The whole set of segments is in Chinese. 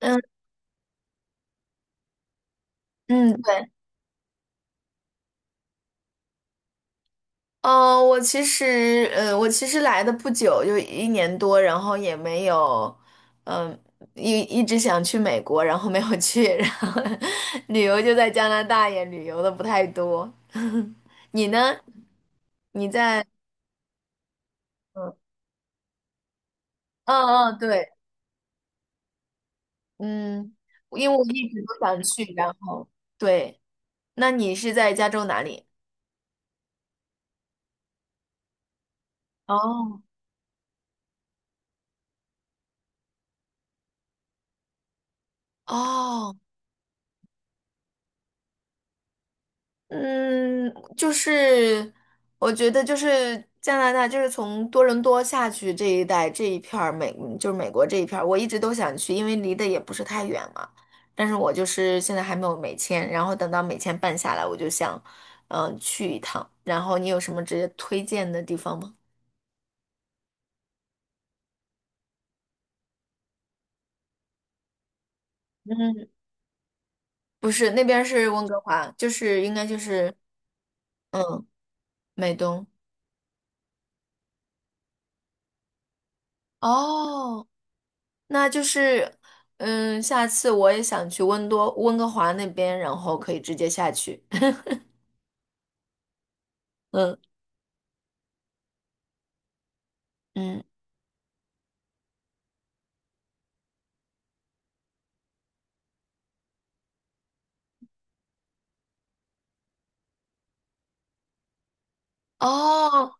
嗯嗯，对。我其实我其实来的不久，就一年多，然后也没有。嗯、一直想去美国，然后没有去，然后 旅游就在加拿大，也旅游的不太多。你呢？你在？嗯嗯嗯，对。嗯，因为我一直都想去，然后对，那你是在加州哪里？哦哦。嗯，就是我觉得就是加拿大，就是从多伦多下去这一带这一片儿美，就是美国这一片儿，我一直都想去，因为离得也不是太远嘛。但是我就是现在还没有美签，然后等到美签办下来，我就想，去一趟。然后你有什么直接推荐的地方吗？嗯，不是，那边儿是温哥华，就是应该就是嗯，美东。哦。那就是，嗯，下次我也想去温哥华那边，然后可以直接下去。嗯嗯，哦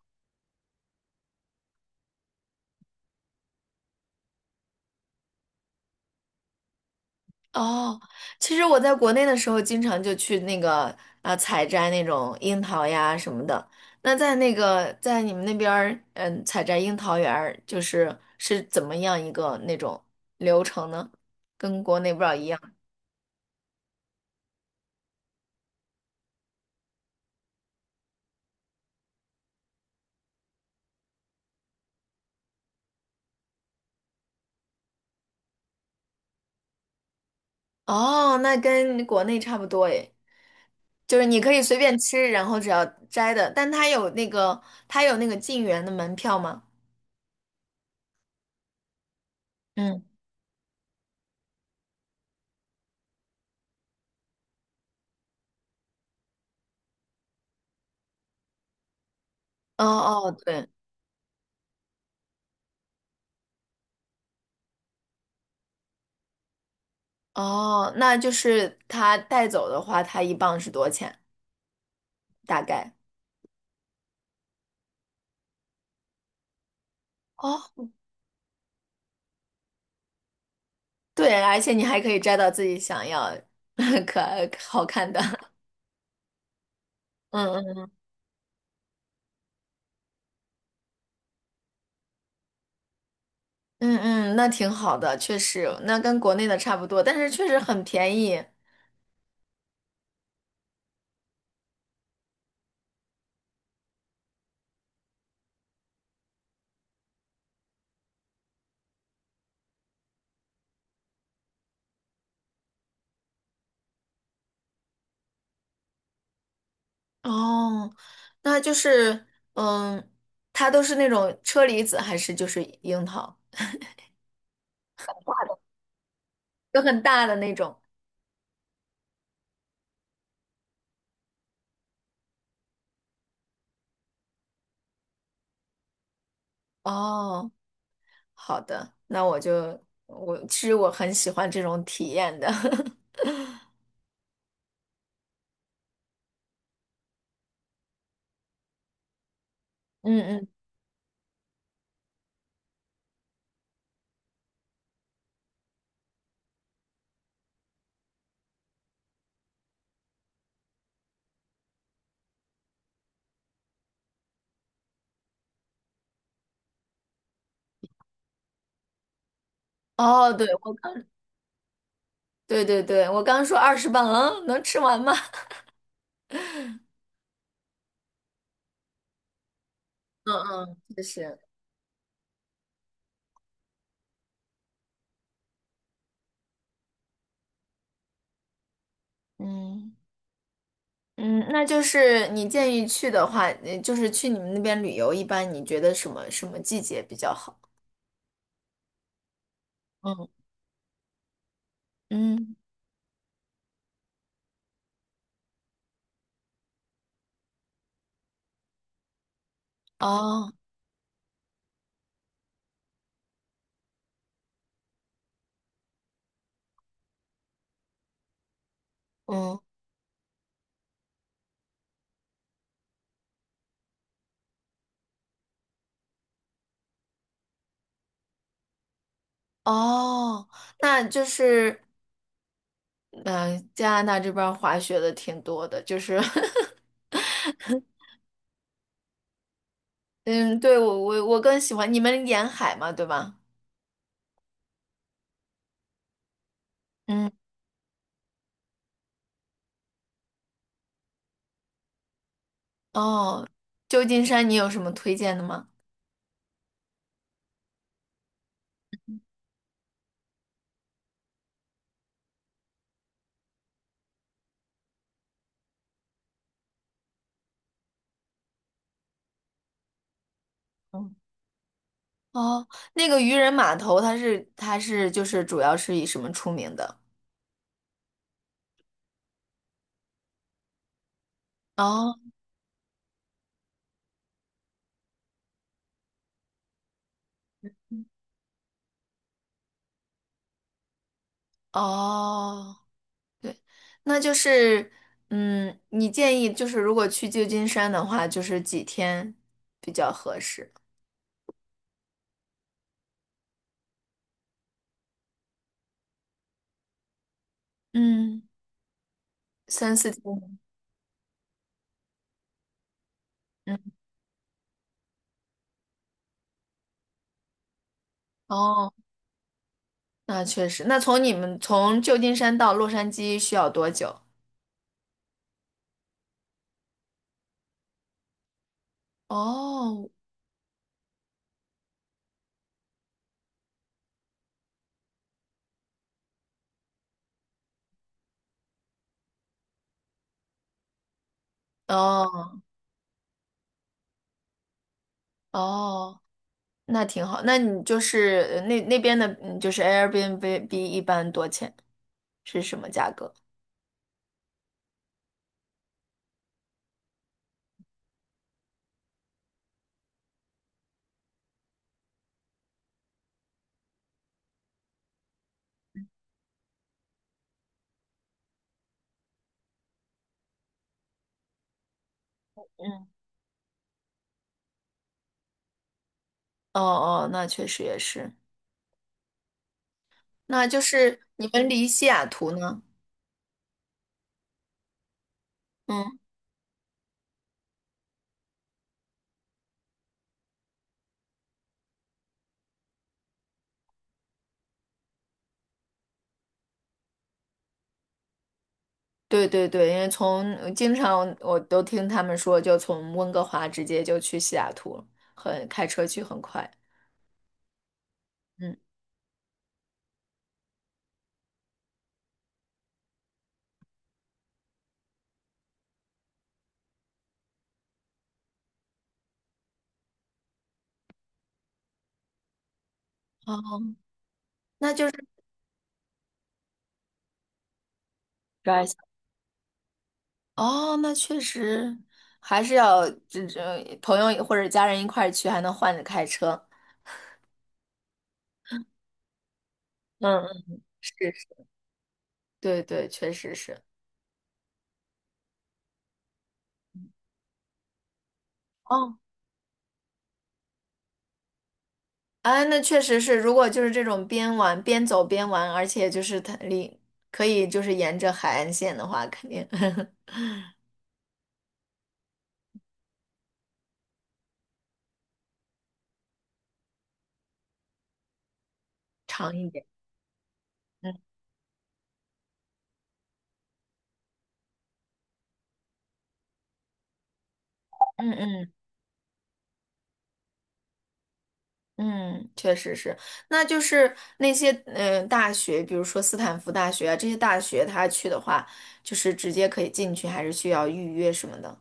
哦，其实我在国内的时候，经常就去那个采摘那种樱桃呀什么的。那在那个在你们那边儿，嗯，采摘樱桃园儿就是是怎么样一个那种流程呢？跟国内不知道一样。哦，那跟国内差不多诶。就是你可以随便吃，然后只要摘的，但它有那个进园的门票吗？嗯，哦哦，对。哦，那就是它带走的话，它一磅是多少钱？大概？哦，对，而且你还可以摘到自己想要 可爱好看的。嗯嗯嗯嗯，那挺好的，确实，那跟国内的差不多，但是确实很便宜。哦，那就是，嗯，它都是那种车厘子还是就是樱桃？就很大的那种。哦，好的，那我就我其实我很喜欢这种体验的。嗯嗯，哦，对，我刚对对对，我刚说20磅，嗯，能吃完吗？嗯嗯，确实。嗯嗯，那就是你建议去的话，就是去你们那边旅游，一般你觉得什么季节比较好？嗯嗯，哦嗯哦，那就是嗯、加拿大这边儿滑雪的挺多的，就是 嗯，对，我更喜欢你们沿海嘛，对吧？嗯，哦，旧金山你有什么推荐的吗？嗯，哦，那个渔人码头，它是就是主要是以什么出名的？哦哦，对。那就是嗯，你建议就是如果去旧金山的话，就是几天比较合适？嗯，3、4天。嗯，哦，那确实，那从你们从旧金山到洛杉矶需要多久？哦，哦哦，那挺好。那你就是那那边的，嗯就是 Airbnb 一般多钱是什么价格？嗯，哦哦，那确实也是。那就是你们离西雅图呢？嗯，对对对，因为从经常我都听他们说，就从温哥华直接就去西雅图了，很开车去很快。嗯，哦抓一下。哦，那确实还是要这朋友或者家人一块儿去，还能换着开车。嗯。是，是对对，确实是。哦，啊，那确实是，如果就是这种边玩边玩，而且就是它离可以就是沿着海岸线的话，肯定 长一点。嗯嗯嗯嗯，确实是。那就是那些大学，比如说斯坦福大学啊这些大学，他去的话，就是直接可以进去，还是需要预约什么的？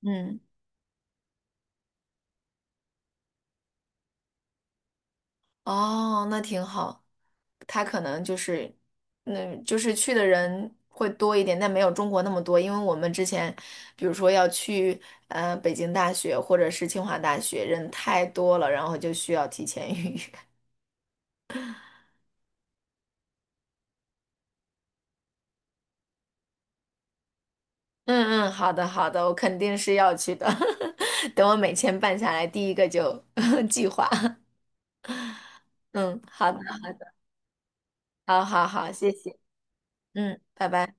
嗯。哦，那挺好。他可能就是，嗯，就是去的人会多一点，但没有中国那么多。因为我们之前，比如说要去北京大学或者是清华大学，人太多了，然后就需要提前预约。嗯嗯，好的好的，我肯定是要去的。等我美签办下来，第一个就 计划。嗯，好的，好好好，谢谢。嗯，拜拜。